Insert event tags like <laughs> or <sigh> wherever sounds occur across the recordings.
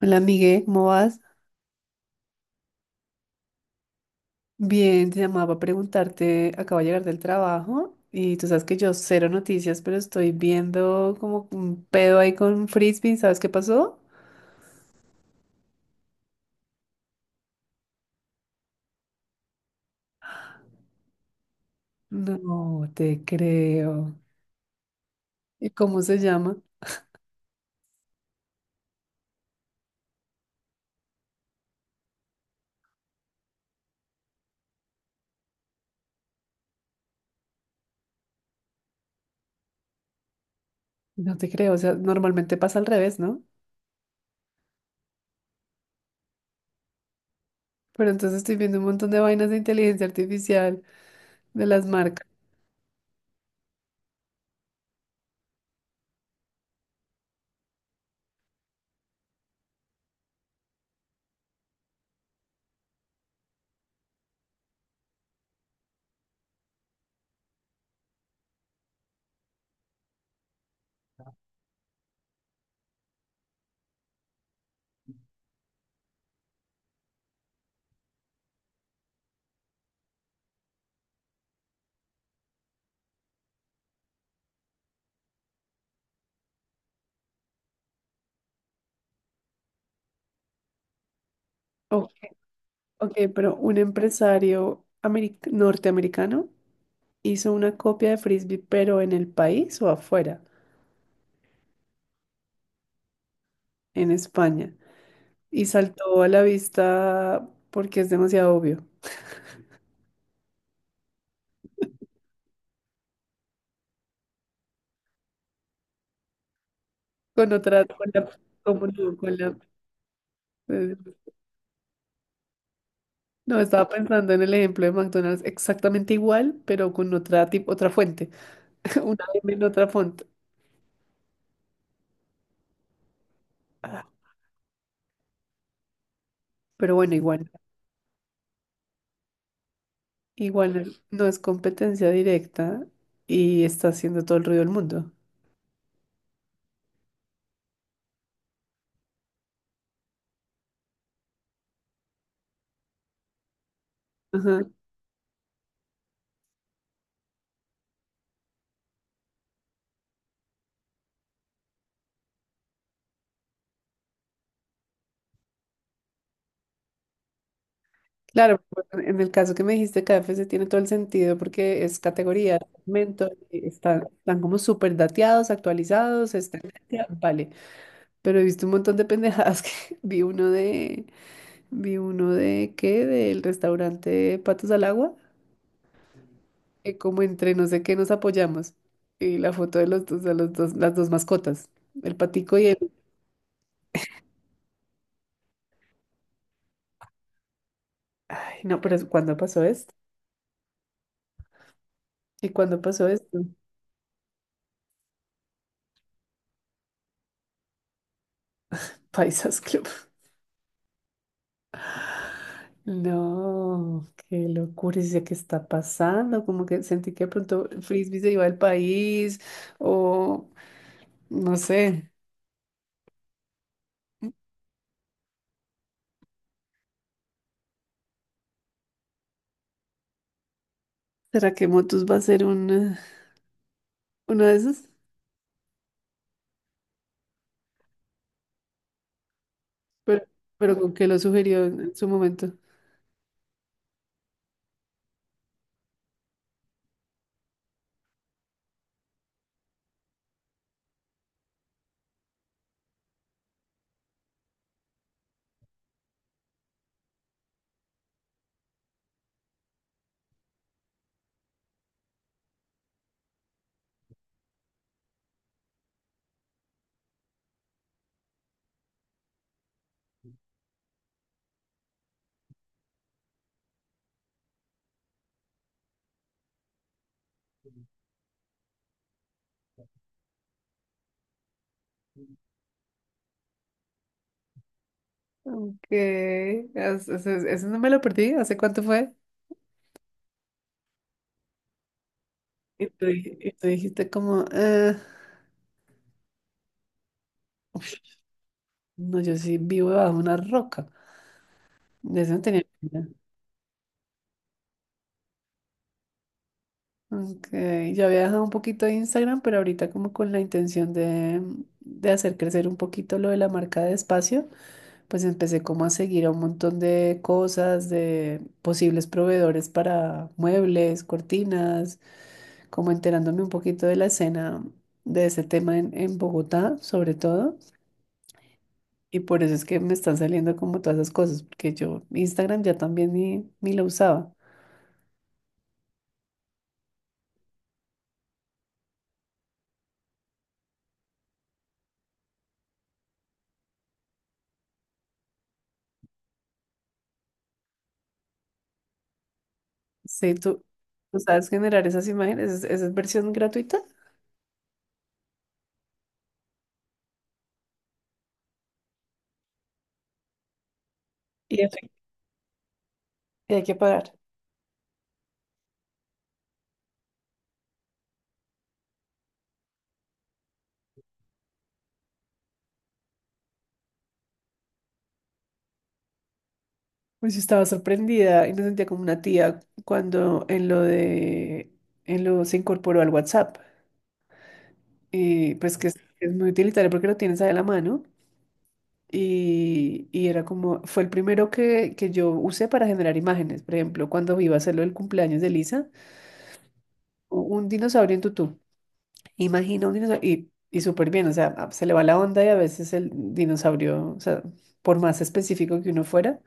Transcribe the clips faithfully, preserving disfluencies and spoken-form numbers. Hola, Miguel, ¿cómo vas? Bien, te llamaba para preguntarte, acabo de llegar del trabajo y tú sabes que yo cero noticias, pero estoy viendo como un pedo ahí con un frisbee, ¿sabes qué pasó? No te creo. ¿Y cómo se llama? No te creo, o sea, normalmente pasa al revés, ¿no? Pero entonces estoy viendo un montón de vainas de inteligencia artificial de las marcas. Ok, ok, pero un empresario americ- norteamericano hizo una copia de frisbee, pero en el país o afuera. En España y saltó a la vista porque es demasiado obvio. Con otra, con la, como no, con la- eh, no, estaba pensando en el ejemplo de McDonald's exactamente igual, pero con otra tip- otra fuente, <laughs> una M en otra fuente. Ah, pero bueno, igual, igual no es competencia directa y está haciendo todo el ruido del mundo. Ajá. Claro, bueno, en el caso que me dijiste, K F C tiene todo el sentido porque es categoría, segmento, y están, están como súper dateados, actualizados, es tendencia, vale. Pero he visto un montón de pendejadas que <laughs> vi uno de, vi uno de, ¿qué? Del restaurante Patos al Agua, que como entre no sé qué nos apoyamos. Y la foto de los dos, de los dos, las dos mascotas, el patico y el... Ay, no, pero ¿cuándo pasó esto? ¿Y cuándo pasó esto? <laughs> Paisas Club. No, qué locura, ¿es eso qué está pasando? Como que sentí que de pronto Frisbee se iba al país o no sé. ¿Será que Motus va a ser una, una de esas? Pero, pero con que lo sugirió en en su momento. Ok, eso, eso- eso no me lo perdí. ¿Hace cuánto fue? Y tú, dij- y tú dijiste como, "Ah, no, yo sí vivo bajo una roca. De eso no tenía". Ok, yo había dejado un poquito de Instagram, pero ahorita como con la intención de, de hacer crecer un poquito lo de la marca de espacio, pues empecé como a seguir a un montón de cosas, de posibles proveedores para muebles, cortinas, como enterándome un poquito de la escena de ese tema en, en Bogotá, sobre todo. Y por eso es que me están saliendo como todas esas cosas, porque yo Instagram ya también ni, ni lo usaba. Sí, tú, ¿tú sabes generar esas imágenes? ¿Es es versión gratuita? Y eso y hay que pagar. Pues estaba sorprendida y me sentía como una tía cuando en lo de, en lo se incorporó al WhatsApp. Y pues que es, es muy utilitario porque lo tienes ahí a la mano. Y, y era como, fue el primero que, que yo usé para generar imágenes. Por ejemplo, cuando iba a hacerlo el cumpleaños de Lisa, u- un dinosaurio en tutú. Imagina un dinosaurio y, y súper bien, o sea, a- se le va la onda y a veces el dinosaurio, o sea, por más específico que uno fuera.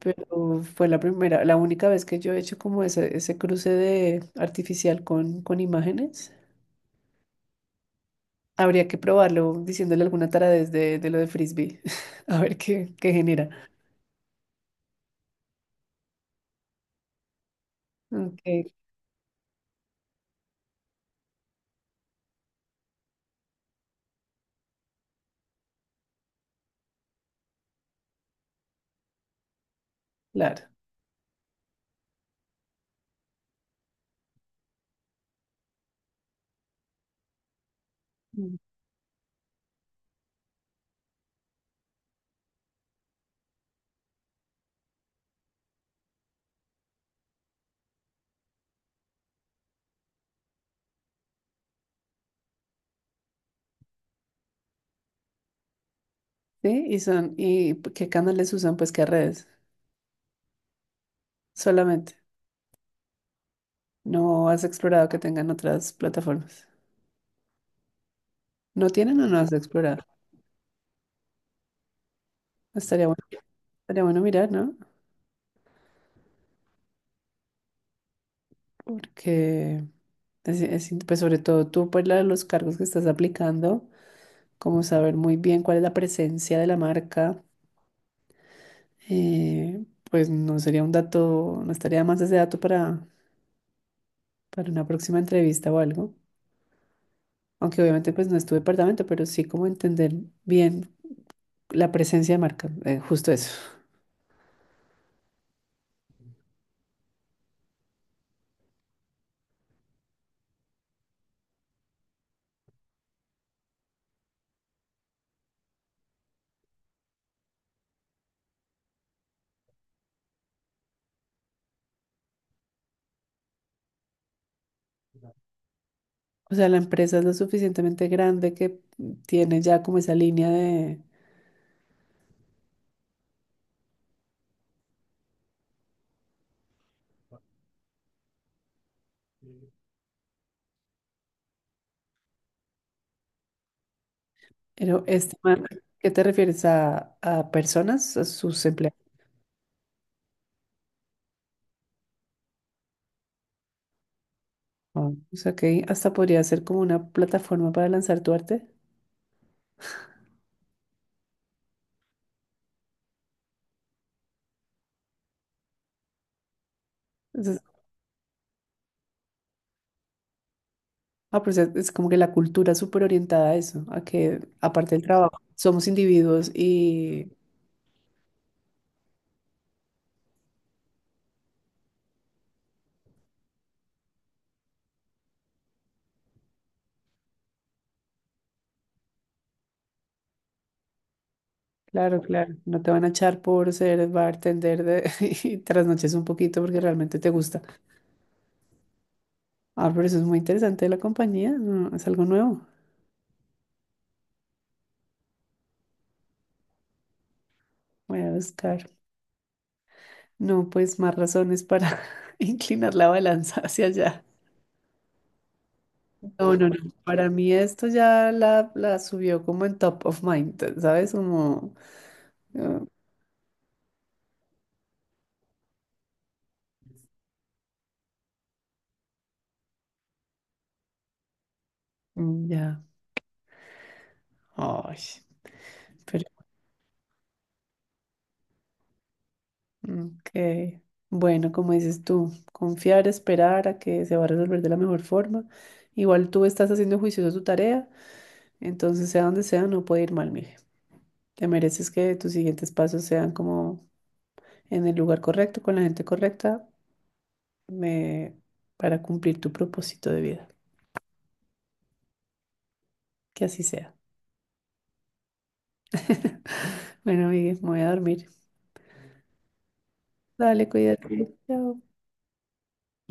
Pero fue la primera, la única vez que yo he hecho como ese, ese cruce de artificial con, con imágenes. Habría que probarlo diciéndole alguna taradez de, de lo de frisbee, <laughs> a ver qué, qué genera. Ok, claro. Mm. Sí, y son, ¿y p- qué canales usan? Pues qué redes, solamente. No has explorado que tengan otras plataformas. ¿No tienen o no has explorado? Estaría bueno, estaría bueno mirar, ¿no? Porque es, es in- pues sobre todo tú, por la- los cargos que estás aplicando. Como saber muy bien cuál es la presencia de la marca, eh, pues no sería un dato, no estaría de más ese dato para, para una próxima entrevista o algo. Aunque obviamente pues no es tu departamento, pero sí como entender bien la presencia de marca, eh, justo eso. O sea, la empresa es lo suficientemente grande que tiene ya como esa línea de... Pero esta marca, ¿qué te refieres a, a personas, a sus empleados? Ah, o sea, que hasta podría ser como una plataforma para lanzar tu arte. Ah, pues es, es como que la cultura es súper orientada a eso, a que aparte del trabajo, somos individuos y claro, claro, no te van a echar por ser bartender de, <laughs> y trasnoches un poquito porque realmente te gusta. Ah, pero eso es muy interesante de la compañía, no, es algo nuevo. Voy a buscar. No, pues más razones para <laughs> inclinar la balanza hacia allá. No, no, no. Para mí esto ya la, la subió como en top of mind, ¿sabes? Como, ah, mm, ya. Ay. Pero. Ok. Bueno, como dices tú, confiar, esperar a que se va a resolver de la mejor forma. Igual tú estás haciendo juicioso tu tarea, entonces sea donde sea, no puede ir mal, mire. Te mereces que tus siguientes pasos sean como en el lugar correcto, con la gente correcta, me- para cumplir tu propósito de vida. Que así sea. <laughs> Bueno, Miguel, me voy a dormir. Dale, cuídate. Chao.